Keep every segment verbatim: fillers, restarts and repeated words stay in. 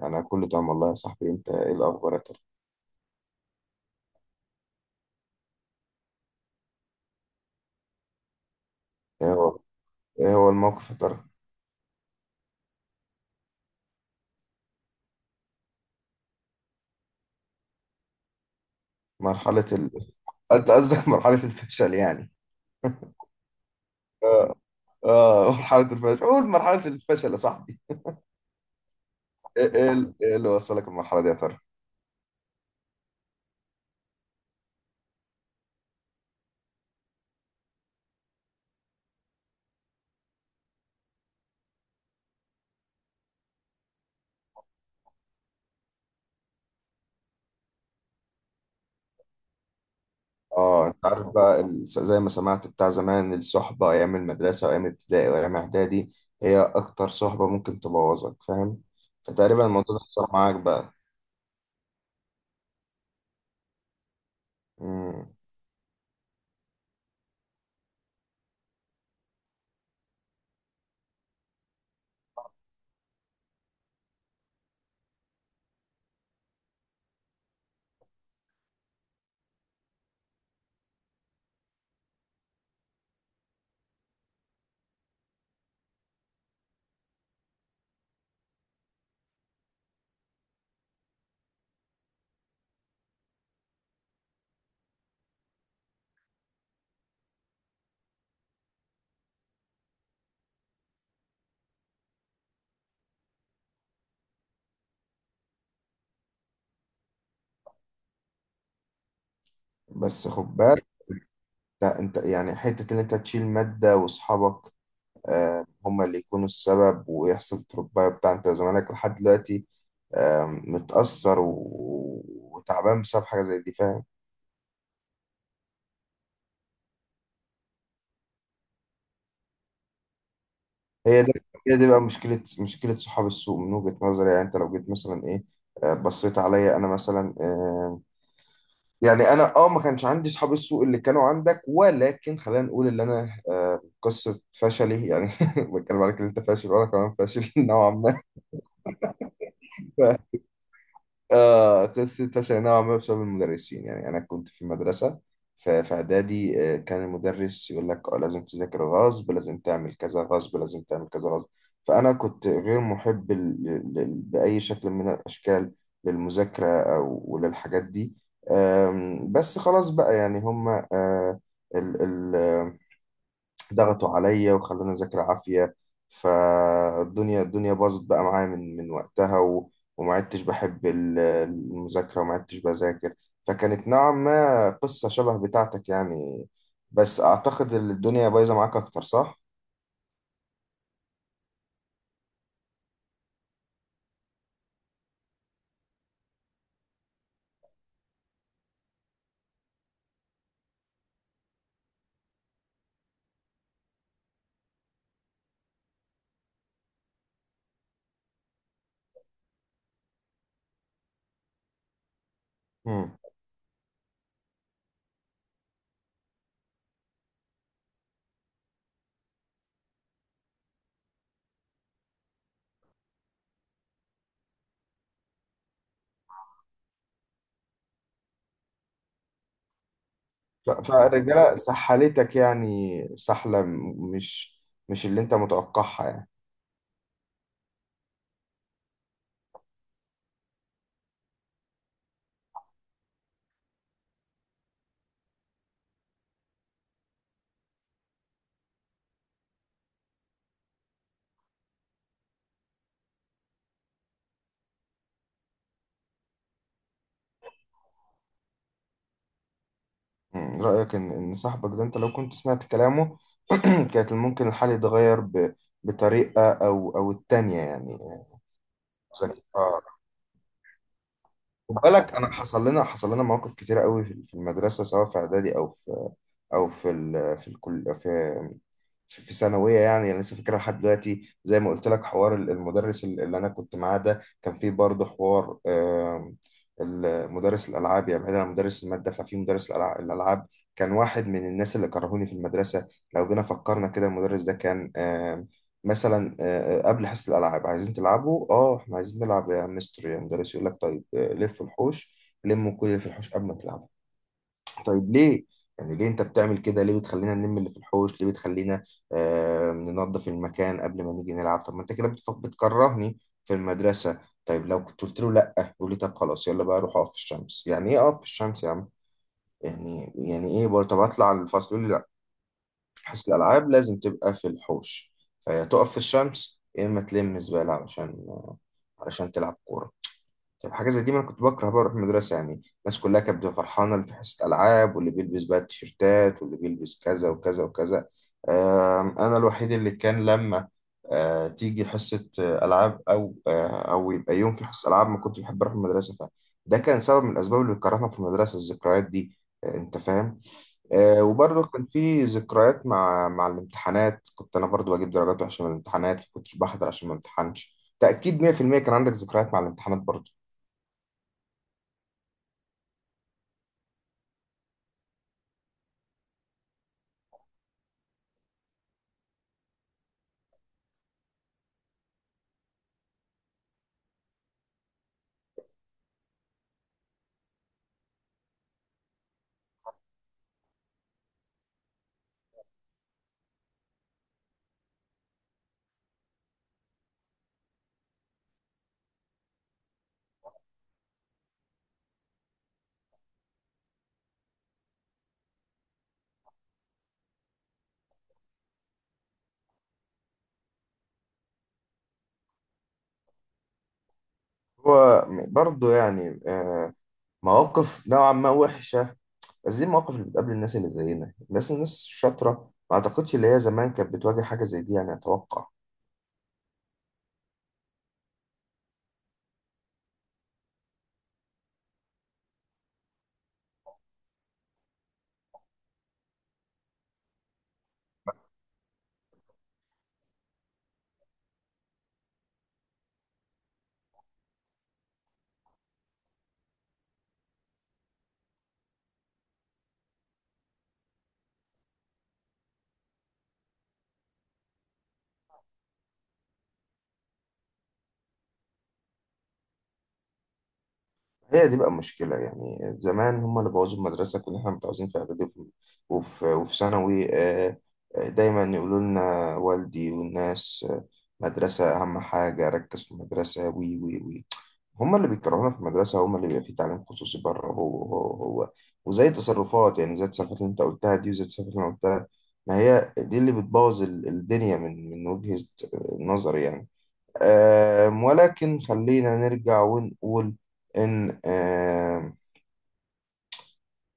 يعني أنا كله تمام والله يا صاحبي، أنت إيه الأخبار يا ترى؟ إيه هو، إيه هو الموقف يا ترى؟ مرحلة ال... أنت قصدك مرحلة الفشل يعني. آه. آه، مرحلة الفشل، قول مرحلة الفشل يا صاحبي. إيه إيه ال- إيه اللي وصلك المرحلة دي يا ترى؟ آه، أنت عارف بقى ال-، زي ما سمعت بتاع زمان، الصحبة أيام المدرسة وأيام ابتدائي وأيام إعدادي هي أكتر صحبة ممكن تبوظك، فاهم؟ فتقريبا الموضوع ده حصل معاك بقى. مم. بس خد بالك، لا، أنت يعني حتة إن أنت تشيل مادة وأصحابك آه، هما اللي يكونوا السبب، ويحصل تربايه بتاع، انت زمانك لحد دلوقتي آم، متأثر و- وتعبان بسبب حاجة زي دي، فاهم؟ هي ده هي دي بقى مشكلة، مشكلة صحاب السوق من وجهة نظري. يعني انت لو جيت مثلا ايه، آه، بصيت عليا انا مثلا، آه، يعني انا اه ما كانش عندي صحاب السوق اللي كانوا عندك، ولكن خلينا نقول ان انا، آه، قصة فشلي يعني بتكلم عليك ان انت فاشل وانا كمان فاشل نوعا ما. آه، قصة اتلاشى نوعا ما بسبب المدرسين. يعني أنا كنت في مدرسة ف- في إعدادي، آه، كان المدرس يقول لك، آه، لازم تذاكر غصب، لازم تعمل كذا غصب، لازم تعمل كذا غصب. فأنا كنت غير محب ل- ل- ل- بأي شكل من الأشكال للمذاكرة أو وللحاجات دي. آم، بس خلاص بقى، يعني هما ضغطوا عليا وخلوني اذاكر عافيه. فالدنيا الدنيا باظت بقى معايا من من وقتها و... وما عدتش بحب ال- المذاكره وما عدتش بذاكر. فكانت نوعا ما قصه شبه بتاعتك يعني. بس اعتقد ان الدنيا بايظه معاك اكتر، صح؟ مم. ف- فالرجاله سحلتك، يعني سحله م- مش مش اللي انت متوقعها يعني. مم، رأيك إن إن صاحبك ده، أنت لو كنت سمعت كلامه كانت ممكن الحال يتغير ب... بطريقة أو أو التانية يعني. ذكي، آه. خد بالك، انا حصل لنا حصل لنا مواقف كتيره قوي في في المدرسه، سواء في اعدادي او في او في ال في الكل في في في ثانويه. يعني انا لسه فاكرها لحد دلوقتي. زي ما قلت لك، حوار ال- المدرس ال- اللي انا كنت معاه ده، كان فيه برضه حوار، آم، ال- مدرس الالعاب. يعني بعيدا عن مدرس الماده، ففي مدرس الألع- الالعاب كان واحد من الناس اللي كرهوني في المدرسه. لو جينا فكرنا كده، المدرس ده كان مثلا، آه، آه، قبل حصة الألعاب عايزين تلعبوا، اه احنا عايزين نلعب يا مستر يا مدرس، يقول لك طيب، آه، لف الحوش، لموا كل اللي في الحوش قبل ما تلعبوا. طيب ليه؟ يعني ليه انت بتعمل كده؟ ليه بتخلينا نلم اللي في الحوش؟ ليه بتخلينا آه ننظف المكان قبل ما نيجي نلعب؟ طب ما انت كده بتف- بتكرهني في المدرسة. طيب لو كنت قلت له لا، يقول لي طب خلاص يلا بقى روح اقف في الشمس. يعني ايه اقف في الشمس يا عم؟ يعني يعني ايه برضه؟ طب اطلع الفصل، يقول لي حصة الألعاب لازم تبقى في الحوش. فيا تقف في الشمس يا إما تلم زبالة علشان علشان تلعب كورة. طب حاجة زي دي ما أنا كنت بكره بقى أروح المدرسة يعني. الناس كلها كانت بتبقى فرحانة اللي في حصة ألعاب، واللي بيلبس بقى التيشيرتات، واللي بيلبس كذا وكذا وكذا. آم، أنا الوحيد اللي كان لما آه، تيجي حصة آه، ألعاب، أو آه، أو يبقى يوم في حصة ألعاب ما كنتش بحب أروح المدرسة. فده كان سبب من الأسباب اللي بتكرهنا في المدرسة، الذكريات دي. آه، أنت فاهم. آه، وبرضه كان في ذكريات مع مع الامتحانات. كنت انا برضه بجيب درجات وحشه من الامتحانات، كنتش بحضر عشان ما امتحنش، تاكيد مئة بالمئة. كان عندك ذكريات مع الامتحانات برضه؟ هو برضه يعني، آه، مواقف نوعا ما وحشه. بس دي المواقف اللي بتقابل الناس اللي زينا، الناس الناس الشاطره. ما اعتقدش اللي هي زمان كانت بتواجه حاجه زي دي، يعني اتوقع. هي دي بقى المشكلة. يعني زمان هم اللي بوظوا المدرسة. كنا احنا متعوزين في إعدادي وفي وفي وفي ثانوي، آه، آه، دايما يقولوا لنا والدي والناس، آه، مدرسة أهم حاجة، ركز في المدرسة، وي وي وي. هم اللي بيكرهونا في المدرسة، هم اللي بيبقى فيه تعليم خصوصي بره. هو هو هو وزي تصرفات، يعني زي التصرفات اللي أنت قلتها دي، وزي التصرفات اللي أنا قلتها. ما هي دي اللي بتبوظ ال- الدنيا، من من وجهة آه، نظري يعني. آم، ولكن خلينا نرجع ونقول إن، آم،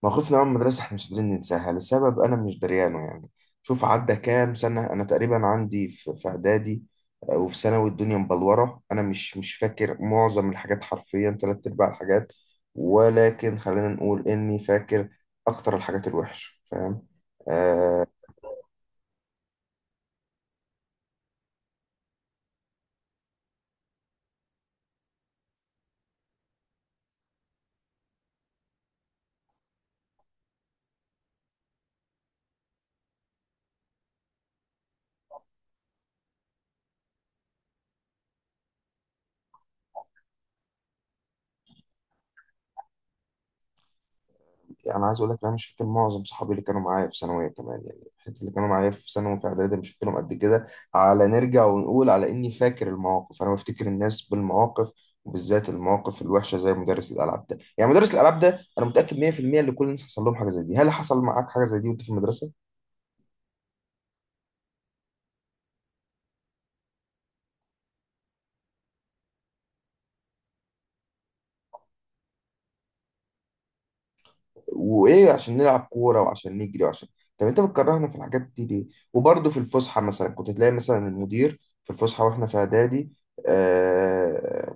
موقفنا مع المدرسة إحنا مش قادرين ننساها، لسبب أنا مش دريانه يعني. شوف عدى كام سنة، أنا تقريبا عندي في في إعدادي، آه، وفي ثانوي الدنيا مبلورة، أنا مش مش فاكر معظم الحاجات، حرفيا تلات أرباع الحاجات، ولكن خلينا نقول إني فاكر أكتر الحاجات الوحشة، فاهم؟ آه، يعني انا عايز اقول لك إن انا مش فاكر معظم صحابي اللي كانوا معايا في ثانويه كمان. يعني الحته اللي كانوا معايا في ثانوي في اعدادي مش فاكرهم قد كده. على نرجع ونقول على اني فاكر المواقف، انا بفتكر الناس بالمواقف، وبالذات المواقف الوحشه زي مدرس الالعاب ده. يعني مدرس الالعاب ده انا متاكد مية بالمية ان كل الناس حصل لهم حاجه زي دي. هل حصل معاك حاجه زي دي وانت في المدرسه؟ وايه، عشان نلعب كوره وعشان نجري وعشان، طب انت بتكرهنا في الحاجات دي ليه؟ وبرضه في الفسحه مثلا كنت تلاقي مثلا المدير في الفسحه واحنا في اعدادي، آه،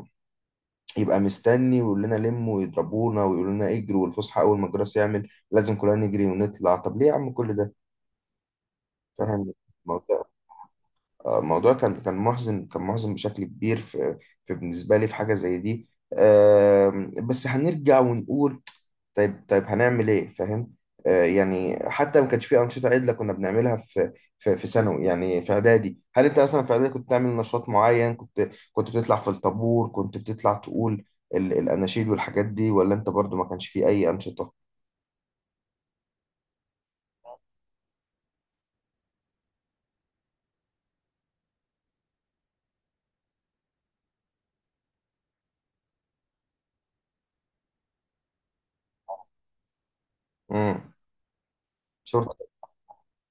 يبقى مستني ويقول لنا لموا، ويضربونا ويقول لنا اجروا. والفسحه اول ما الجرس يعمل لازم كلنا نجري ونطلع. طب ليه يا عم كل ده؟ فاهم الموضوع؟ آه، الموضوع كان كان محزن، كان محزن بشكل كبير في, في، بالنسبه لي في حاجه زي دي. آم، بس هنرجع ونقول، طيب طيب هنعمل ايه، فاهم؟ آه، يعني حتى ما كانش في انشطه عدله كنا بنعملها في في في ثانوي. يعني في اعدادي، هل انت مثلا في اعدادي كنت تعمل نشاط معين؟ كنت كنت بتطلع في الطابور، كنت بتطلع تقول ال- الاناشيد والحاجات دي، ولا انت برضو ما كانش في اي انشطه؟ امم. شرطه.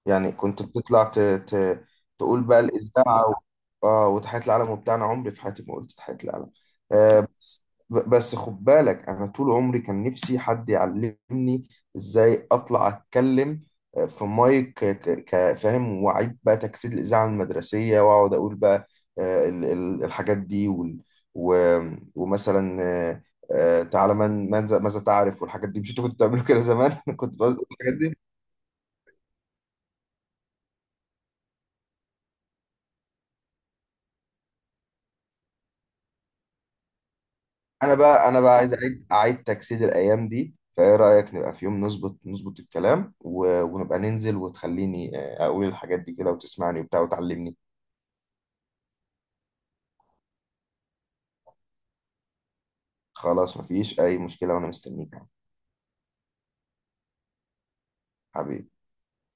يعني كنت بتطلع ت... ت... تقول بقى الاذاعه. اه وتحية العلم وبتاعنا. عمري في حياتي ما قلت تحية العلم. آه بس، ب- بس خد بالك، انا طول عمري كان نفسي حد يعلمني ازاي اطلع اتكلم، آه، في مايك ك- ك- كفاهم، واعيد بقى تجسيد الاذاعه المدرسيه، واقعد اقول بقى، آه، ال- ال- الحاجات دي، وال و ومثلا، آه، آه، تعالى من من- ذا- ماذا تعرف والحاجات دي. مش انتوا كنتوا بتعملوا كده زمان كنت بقول الحاجات. انا بقى، انا بقى عايز اه اعيد اعيد تجسيد الايام دي. فايه رايك نبقى في يوم نظبط نظبط الكلام و... ونبقى ننزل وتخليني، آه، اقول الحاجات دي كده، وتسمعني وبتاع وتعلمني. خلاص مفيش اي مشكله وانا مستنيك يا عم. حبيبي.